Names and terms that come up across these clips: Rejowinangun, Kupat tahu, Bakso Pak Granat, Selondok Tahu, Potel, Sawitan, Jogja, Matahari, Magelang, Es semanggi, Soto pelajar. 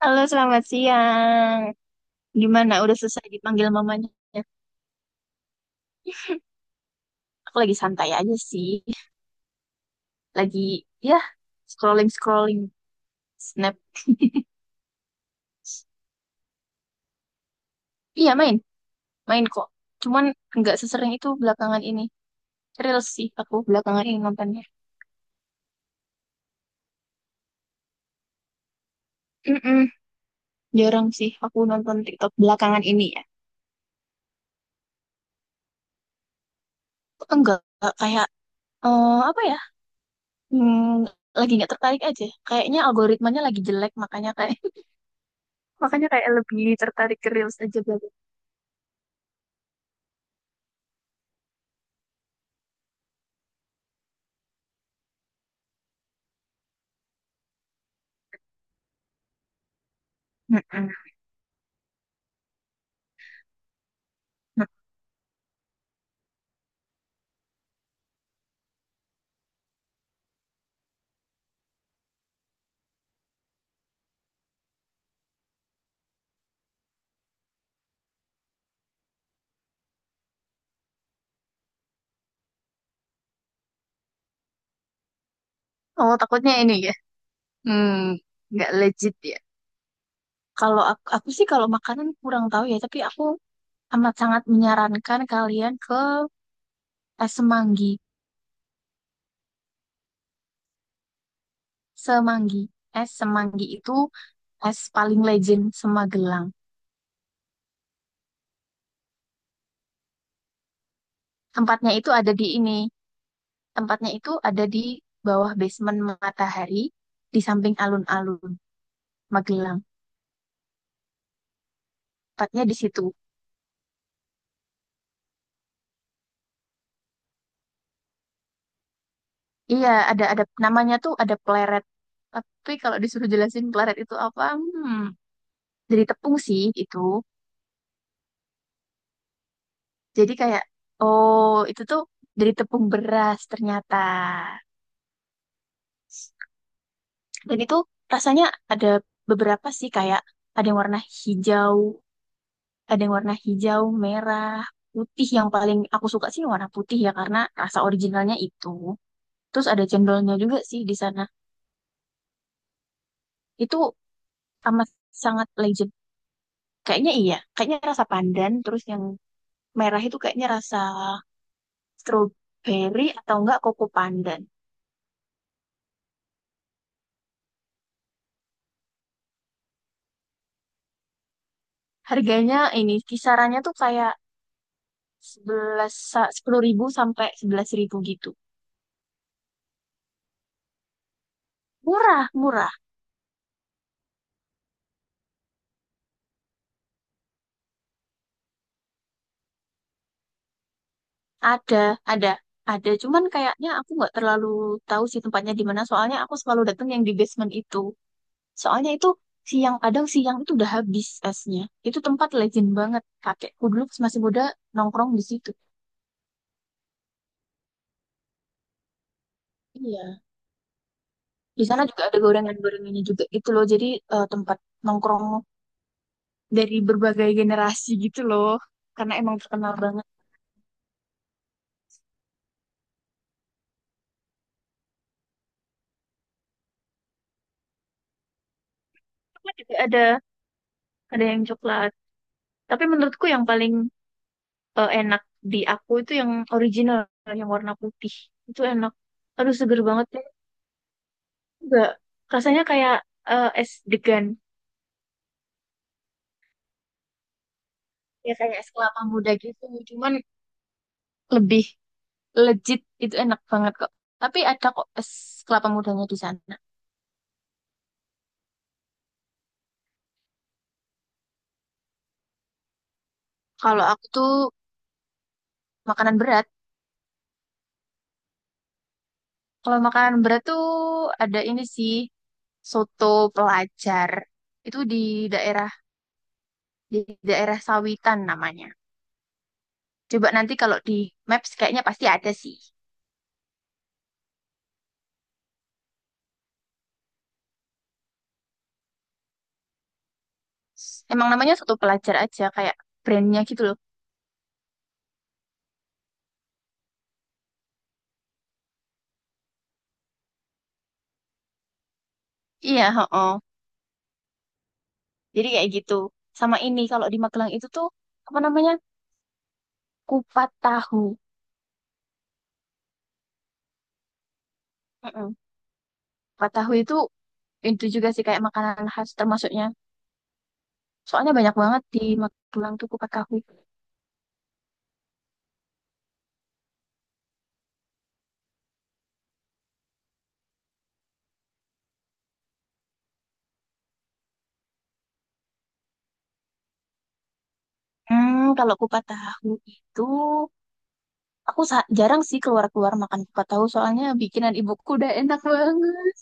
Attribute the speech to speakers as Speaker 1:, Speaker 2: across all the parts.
Speaker 1: Halo, selamat siang. Gimana? Udah selesai dipanggil mamanya? Aku lagi santai aja sih. Lagi, ya, scrolling-scrolling snap. Iya, main. Main kok. Cuman nggak sesering itu belakangan ini. Reels sih aku belakangan ini nontonnya. Mm-mm, jarang sih aku nonton TikTok belakangan ini ya. Enggak kayak, apa ya, hmm, lagi nggak tertarik aja. Kayaknya algoritmanya lagi jelek, makanya kayak makanya kayak lebih tertarik ke Reels aja belakangan. Mm-mm. Oh, takutnya ini ya. Hmm, nggak legit ya. Kalau aku, sih kalau makanan kurang tahu ya, tapi aku amat sangat menyarankan kalian ke es semanggi. Semanggi. Es semanggi itu es paling legend Semagelang. Tempatnya itu ada di ini. Tempatnya itu ada di bawah basement Matahari di samping alun-alun Magelang. Tempatnya di situ. Iya, ada namanya tuh ada pleret. Tapi kalau disuruh jelasin pleret itu apa? Dari tepung sih itu. Jadi kayak, oh itu tuh dari tepung beras ternyata. Dan itu rasanya ada beberapa sih kayak ada yang warna hijau, ada yang warna hijau, merah, putih. Yang paling aku suka sih warna putih ya karena rasa originalnya itu. Terus ada cendolnya juga sih di sana. Itu amat sangat legend. Kayaknya iya, kayaknya rasa pandan. Terus yang merah itu kayaknya rasa strawberry atau enggak koko pandan. Harganya ini kisarannya tuh kayak sebelas 10.000 sampai 11.000 gitu murah murah ada ada ada cuman kayaknya aku nggak terlalu tahu sih tempatnya di mana soalnya aku selalu datang yang di basement itu soalnya itu siang kadang siang itu udah habis esnya. Itu tempat legend banget. Kakekku dulu pas masih muda nongkrong di situ iya. Di sana juga ada gorengan-gorengannya juga gitu loh. Jadi tempat nongkrong dari berbagai generasi gitu loh karena emang terkenal banget. Cuma juga ada yang coklat. Tapi menurutku yang paling enak di aku itu yang original, yang warna putih. Itu enak. Aduh, seger banget. Enggak. Rasanya kayak es degan. Ya kayak es kelapa muda gitu. Cuman lebih legit. Itu enak banget kok. Tapi ada kok es kelapa mudanya di sana. Kalau aku tuh makanan berat. Kalau makanan berat tuh ada ini sih. Soto pelajar. Itu daerah di daerah Sawitan namanya. Coba nanti kalau di Maps kayaknya pasti ada sih. Emang namanya satu pelajar aja kayak brandnya gitu loh. Iya, oh jadi kayak gitu. Sama ini kalau di Magelang itu tuh apa namanya? Kupat tahu. Heeh. Kupat tahu itu juga sih kayak makanan khas termasuknya. Soalnya banyak banget di Magelang tuh kupat tahu. Kalau kupat tahu itu jarang sih keluar-keluar makan kupat tahu soalnya bikinan ibuku udah enak banget.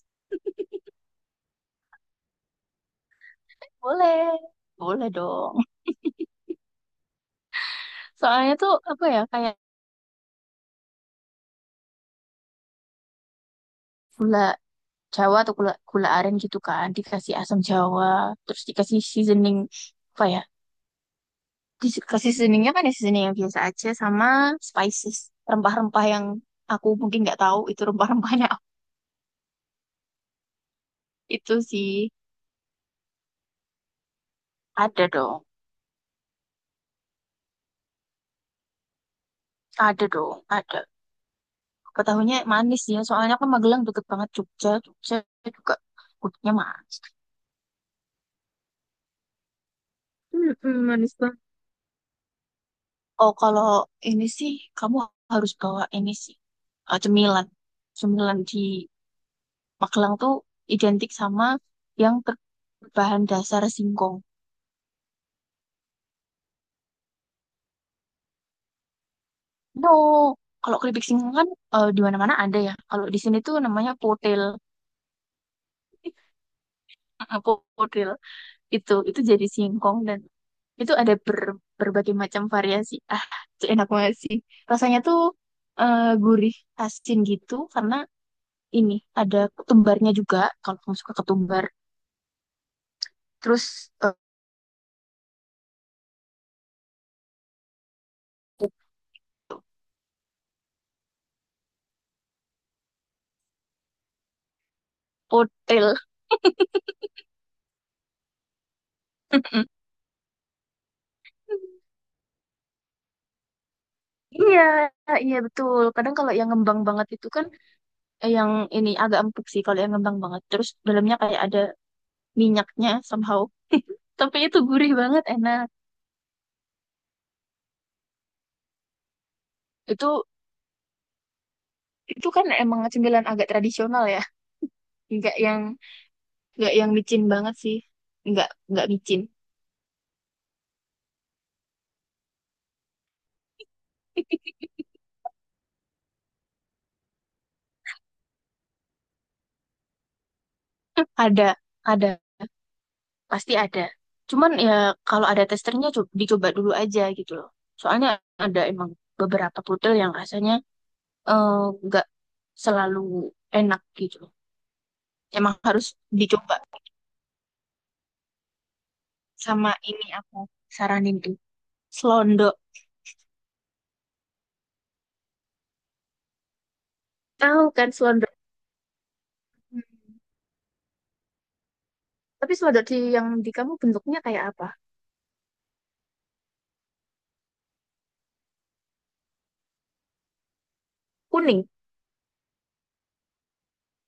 Speaker 1: Boleh. Boleh dong. Soalnya tuh apa ya kayak gula Jawa atau gula gula aren gitu kan dikasih asam Jawa terus dikasih seasoning apa ya, dikasih seasoningnya kan ya seasoning yang biasa aja sama spices rempah-rempah yang aku mungkin nggak tahu itu rempah-rempahnya apa. Itu sih ada dong. Ada dong ada. Ketahuinya manis ya soalnya kan Magelang deket banget Jogja Jogja juga gudegnya manis. Mm-mm, manis banget. Oh kalau ini sih kamu harus bawa ini sih, cemilan. Cemilan di Magelang tuh identik sama yang berbahan dasar singkong. No, kalau keripik singkong kan di mana-mana ada ya. Kalau di sini tuh namanya potel, potel itu jadi singkong dan itu ada berbagai macam variasi. Ah, itu enak banget sih. Rasanya tuh gurih, asin gitu karena ini ada ketumbarnya juga. Kalau kamu suka ketumbar, terus eh, potel. Iya, iya betul. Kadang kalau yang ngembang banget itu kan yang ini agak empuk sih kalau yang ngembang banget. Terus dalamnya kayak ada minyaknya somehow. Tapi itu gurih banget, enak. Itu itu kan emang cemilan agak tradisional ya. Nggak yang nggak yang micin banget sih. Nggak nggak micin. Ada, ada, pasti ada. Cuman ya kalau ada testernya dicoba dulu aja gitu loh. Soalnya ada emang beberapa pudel yang rasanya eh, nggak selalu enak gitu loh. Emang harus dicoba. Sama ini aku saranin tuh selondok. Tahu kan selondok? Hmm. Tapi selondok di yang di kamu bentuknya kayak apa? Kuning.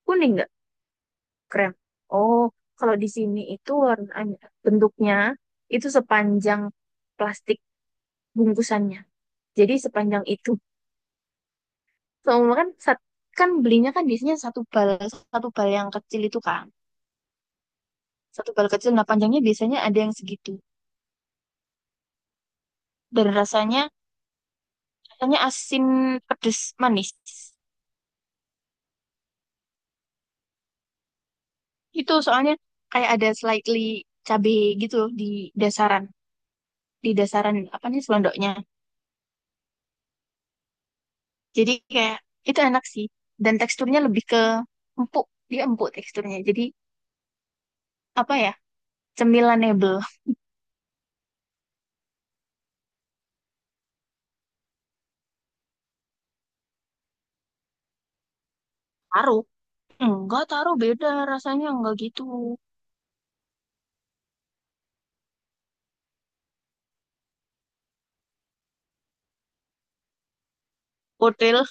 Speaker 1: Kuning nggak? Krem. Oh, kalau di sini itu warnanya bentuknya itu sepanjang plastik bungkusannya. Jadi sepanjang itu. Soalnya kan belinya kan biasanya satu bal, satu bal yang kecil itu kan. Satu bal kecil nah panjangnya biasanya ada yang segitu. Dan rasanya rasanya asin pedes manis. Itu soalnya kayak ada slightly cabe gitu loh dasaran, di dasaran apa nih selondoknya. Jadi kayak itu enak sih dan teksturnya lebih ke empuk, dia empuk teksturnya. Jadi apa ya? Cemilan nebel. Taruh. Enggak, taruh beda rasanya enggak gitu. Hotel,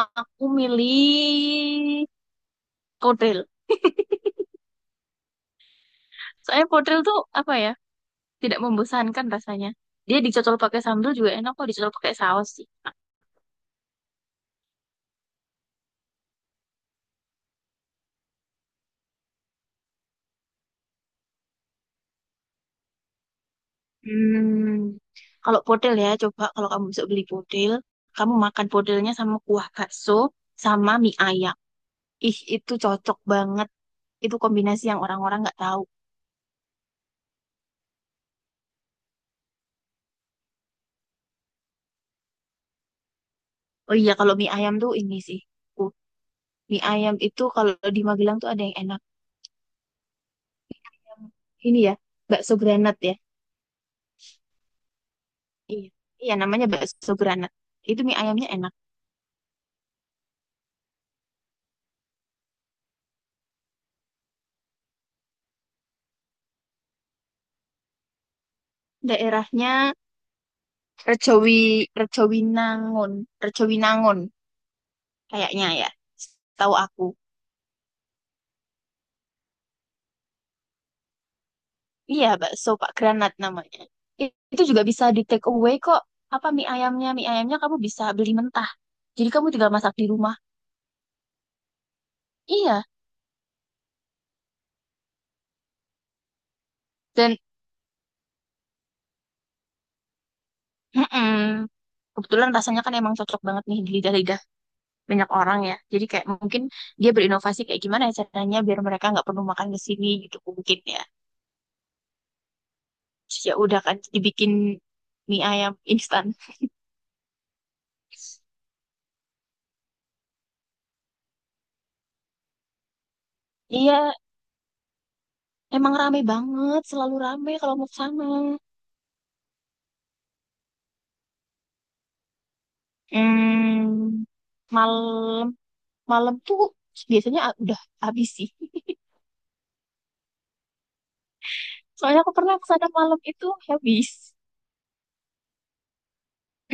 Speaker 1: aku milih hotel. Soalnya hotel tuh apa ya? Tidak membosankan rasanya. Dia dicocol pakai sambal juga enak kok dicocol pakai saus sih. Hmm, kalau podel ya, coba kalau kamu bisa beli podel, kamu makan podelnya sama kuah bakso sama mie ayam. Ih, itu cocok banget. Itu kombinasi yang orang-orang nggak tahu. Oh iya, kalau mie ayam tuh ini sih. Uh, mie ayam itu kalau di Magelang tuh ada yang enak. Yang ini ya, bakso granat ya. Iya, iya namanya bakso granat. Itu mie ayamnya enak. Daerahnya Rejowi, Rejowinangun, Rejowinangun kayaknya ya. Tahu aku. Iya, bakso Pak Granat namanya. Itu juga bisa di take away kok. Apa mie ayamnya? Mie ayamnya kamu bisa beli mentah. Jadi kamu tinggal masak di rumah. Iya. Dan mm-mm, kebetulan rasanya kan emang cocok banget nih di lidah-lidah banyak orang ya. Jadi kayak mungkin dia berinovasi kayak gimana ya caranya biar mereka nggak perlu makan ke sini gitu mungkin ya. Terus ya udah kan dibikin mie ayam instan. Iya, emang rame banget, selalu rame kalau mau ke sana. Hmm, malam. Malam tuh biasanya udah habis sih. Soalnya aku pernah kesana malam itu habis.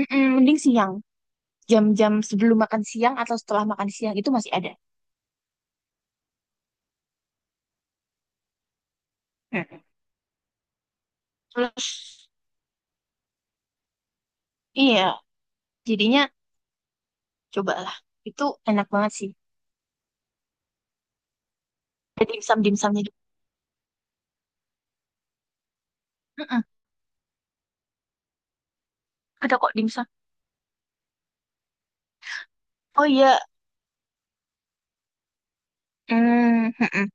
Speaker 1: Mm-mm, mending siang. Jam-jam sebelum makan siang atau setelah makan siang itu masih ada. Mm. Terus, iya. Jadinya cobalah. Itu enak banget sih. Ada dimsum-dimsumnya juga. Mm-mm, ada kok dimsum. Oh iya. Mm, mm-mm.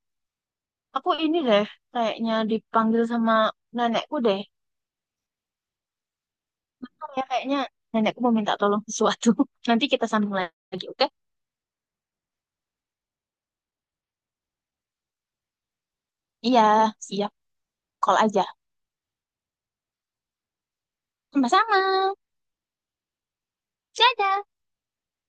Speaker 1: Aku ini deh. Kayaknya dipanggil sama nenekku deh. Bentar ya kayaknya nenekku mau minta tolong sesuatu. Nanti kita sambung lagi, oke? Iya, siap. Call aja. Sama-sama. Dadah.